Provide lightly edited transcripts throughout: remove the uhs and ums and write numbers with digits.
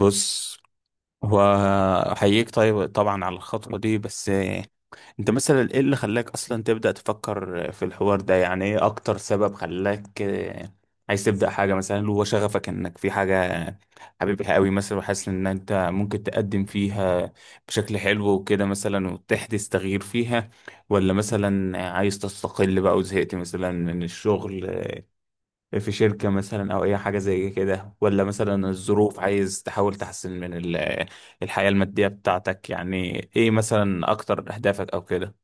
بص، هو احييك طيب طبعا على الخطوة دي. بس انت مثلا ايه اللي خلاك اصلا تبدأ تفكر في الحوار ده؟ يعني ايه اكتر سبب خلاك عايز تبدأ حاجة؟ مثلا هو شغفك انك في حاجة حبيبها قوي مثلا وحاسس ان انت ممكن تقدم فيها بشكل حلو وكده مثلا وتحدث تغيير فيها، ولا مثلا عايز تستقل بقى وزهقت مثلا من الشغل في شركة مثلا أو أي حاجة زي كده، ولا مثلا الظروف عايز تحاول تحسن من الحياة المادية بتاعتك؟ يعني إيه مثلا أكتر أهدافك أو كده؟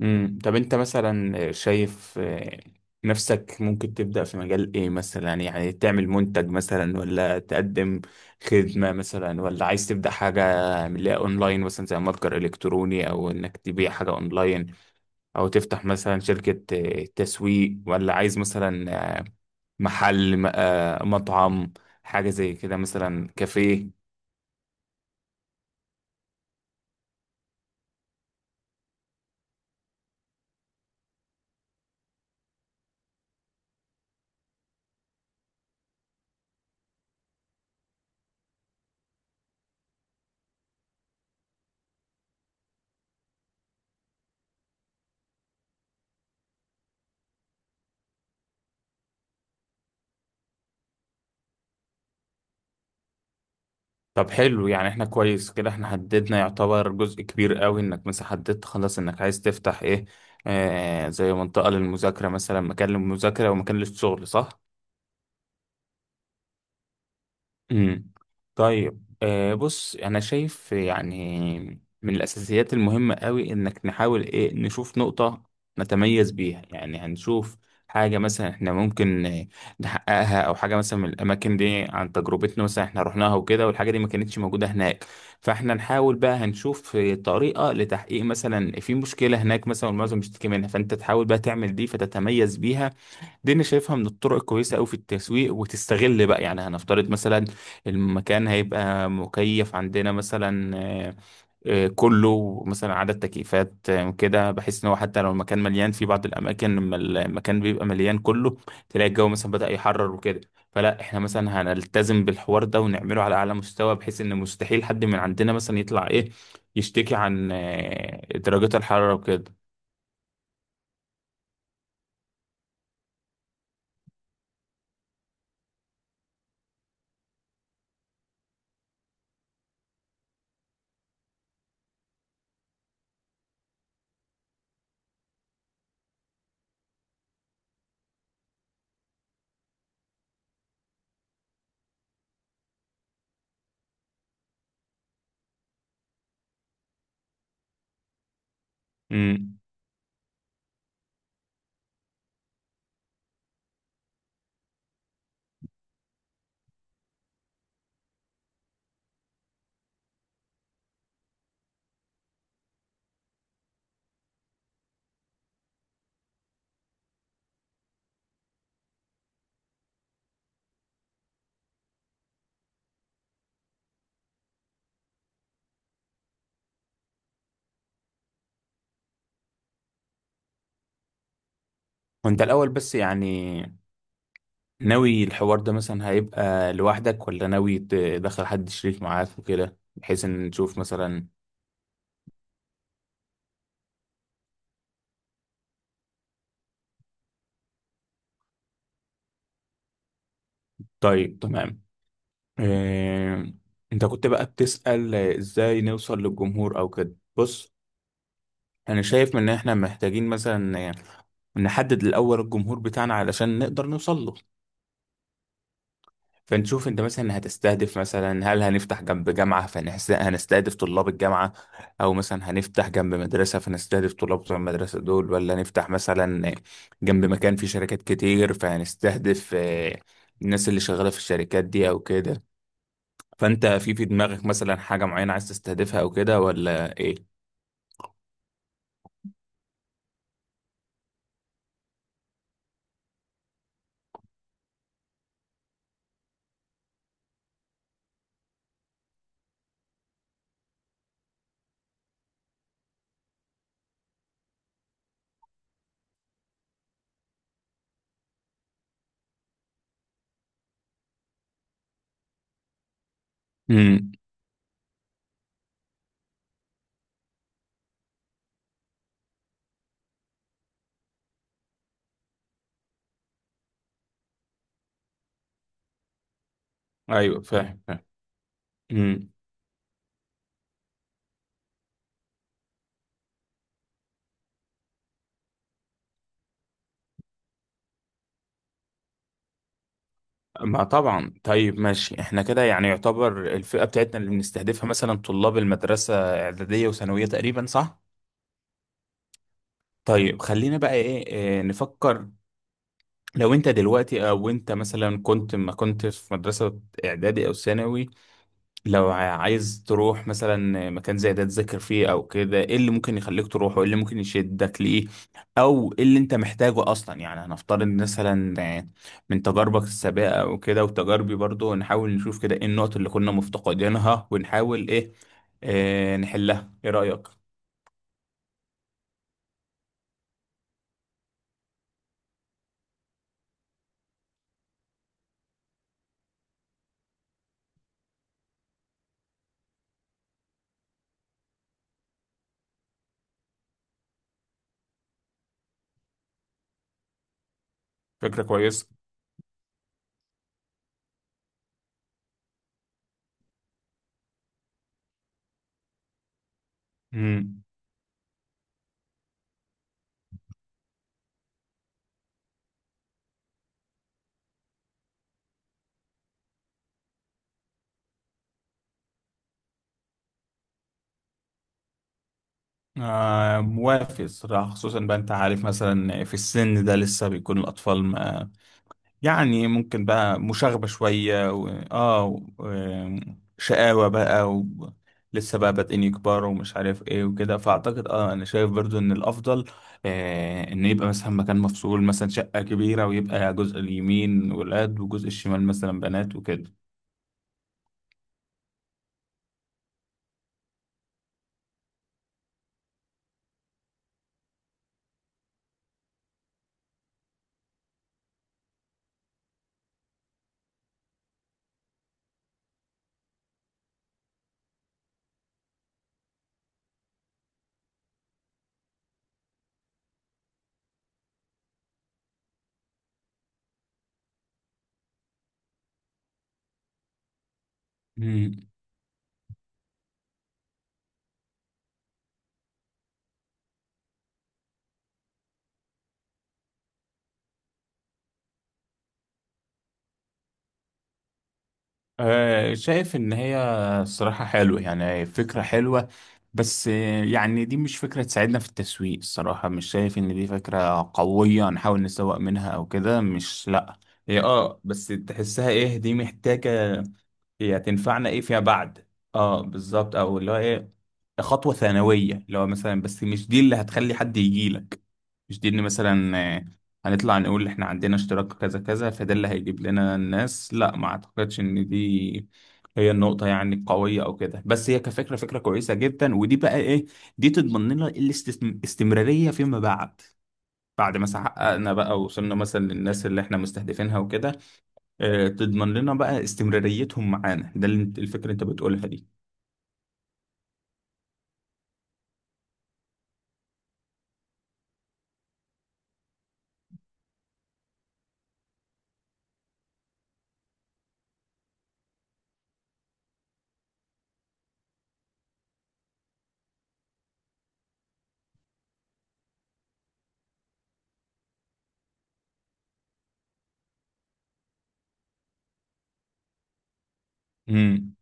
طب أنت مثلا شايف نفسك ممكن تبدأ في مجال إيه مثلا؟ يعني تعمل منتج مثلا، ولا تقدم خدمة مثلا، ولا عايز تبدأ حاجة من اللي هي أونلاين مثلا زي متجر إلكتروني أو إنك تبيع حاجة أونلاين، أو تفتح مثلا شركة تسويق، ولا عايز مثلا محل، مطعم، حاجة زي كده مثلا كافيه؟ طب حلو، يعني احنا كويس كده، احنا حددنا يعتبر جزء كبير قوي، انك مثلا حددت خلاص انك عايز تفتح ايه، زي منطقة للمذاكرة مثلا، مكان للمذاكرة ومكان للشغل، صح؟ امم طيب بص، انا شايف يعني من الاساسيات المهمه قوي انك نحاول ايه، نشوف نقطه نتميز بيها. يعني هنشوف حاجه مثلا احنا ممكن نحققها، او حاجه مثلا من الاماكن دي عن تجربتنا مثلا احنا رحناها وكده والحاجه دي ما كانتش موجوده هناك، فاحنا نحاول بقى، هنشوف طريقه لتحقيق مثلا في مشكله هناك مثلا والمعظم بيشتكي منها، فانت تحاول بقى تعمل دي فتتميز بيها. دي انا شايفها من الطرق الكويسه قوي في التسويق، وتستغل بقى. يعني هنفترض مثلا المكان هيبقى مكيف عندنا مثلا كله، مثلا عدد تكييفات كده، بحيث ان هو حتى لو المكان مليان، في بعض الاماكن لما المكان بيبقى مليان كله تلاقي الجو مثلا بدأ يحرر وكده، فلا احنا مثلا هنلتزم بالحوار ده ونعمله على اعلى مستوى بحيث ان مستحيل حد من عندنا مثلا يطلع ايه يشتكي عن درجات الحراره وكده. امم وانت الاول بس، يعني ناوي الحوار ده مثلا هيبقى لوحدك، ولا ناوي تدخل حد شريك معاك وكده بحيث ان نشوف مثلا؟ طيب تمام. إيه... انت كنت بقى بتسأل ازاي نوصل للجمهور او كده. بص، انا شايف ان احنا محتاجين مثلا نحدد الاول الجمهور بتاعنا علشان نقدر نوصل له. فنشوف انت مثلا هتستهدف مثلا، هل هنفتح جنب جامعة فهنستهدف طلاب الجامعة، او مثلا هنفتح جنب مدرسة فنستهدف طلاب بتوع المدرسة دول، ولا نفتح مثلا جنب مكان فيه شركات كتير فهنستهدف الناس اللي شغالة في الشركات دي او كده. فانت في دماغك مثلا حاجة معينة عايز تستهدفها او كده ولا ايه؟ امم. ايوه، فاهم، فاهم. ما طبعا. طيب ماشي، احنا كده يعني يعتبر الفئة بتاعتنا اللي بنستهدفها مثلا طلاب المدرسة إعدادية وثانوية تقريبا، صح؟ طيب خلينا بقى إيه نفكر. لو انت دلوقتي، او انت مثلا كنت ما كنت في مدرسة اعدادي او ثانوي، لو عايز تروح مثلا مكان زي ده تذاكر فيه او كده، ايه اللي ممكن يخليك تروح وايه اللي ممكن يشدك ليه، او ايه اللي انت محتاجه اصلا؟ يعني هنفترض مثلا من تجاربك السابقه او كده، وتجاربي برضو، نحاول نشوف كده ايه النقط اللي كنا مفتقدينها ونحاول ايه نحلها. ايه رأيك؟ فكرة كويسة. امم. موافق الصراحة، خصوصا بقى انت عارف مثلا في السن ده لسه بيكون الأطفال ما، يعني ممكن بقى مشاغبة شوية و... آه، شقاوة بقى و لسه بقى بادئين يكبروا ومش عارف ايه وكده، فاعتقد اه، انا شايف برضو ان الافضل ان يبقى مثلا مكان مفصول، مثلا شقة كبيرة ويبقى جزء اليمين ولاد وجزء الشمال مثلا بنات وكده. شايف ان هي الصراحة حلوة، يعني فكرة حلوة، بس يعني دي مش فكرة تساعدنا في التسويق الصراحة، مش شايف ان دي فكرة قوية نحاول نسوق منها او كده، مش لا، هي اه بس تحسها ايه، دي محتاجة، هي هتنفعنا ايه فيما بعد. اه بالظبط، او اللي هو ايه، خطوه ثانويه اللي هو مثلا، بس مش دي اللي هتخلي حد يجي لك، مش دي ان مثلا هنطلع نقول احنا عندنا اشتراك كذا كذا فده اللي هيجيب لنا الناس، لا ما اعتقدش ان دي هي النقطة يعني القوية أو كده. بس هي كفكرة، فكرة كويسة جدا، ودي بقى إيه، دي تضمن لنا الاستمرارية فيما بعد. بعد ما حققنا بقى وصلنا مثلا للناس اللي احنا مستهدفينها وكده، تضمن لنا بقى استمراريتهم معانا. ده اللي الفكرة اللي انت بتقولها دي. امم.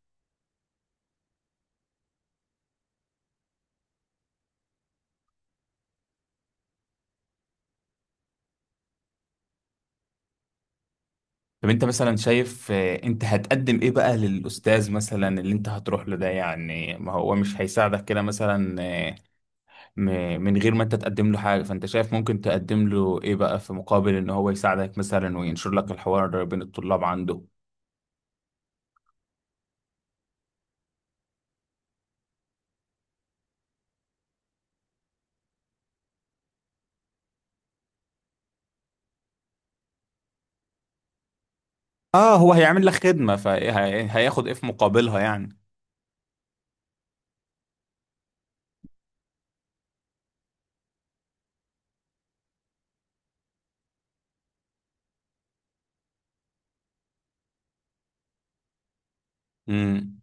طب انت مثلا شايف انت هتقدم ايه بقى للاستاذ مثلا اللي انت هتروح له ده؟ يعني ما هو مش هيساعدك كده مثلا من غير ما انت تقدم له حاجة، فانت شايف ممكن تقدم له ايه بقى في مقابل ان هو يساعدك مثلا وينشر لك الحوار بين الطلاب عنده؟ اه هو هيعمل لك خدمة فهياخد ايه في مقابلها يعني. امم.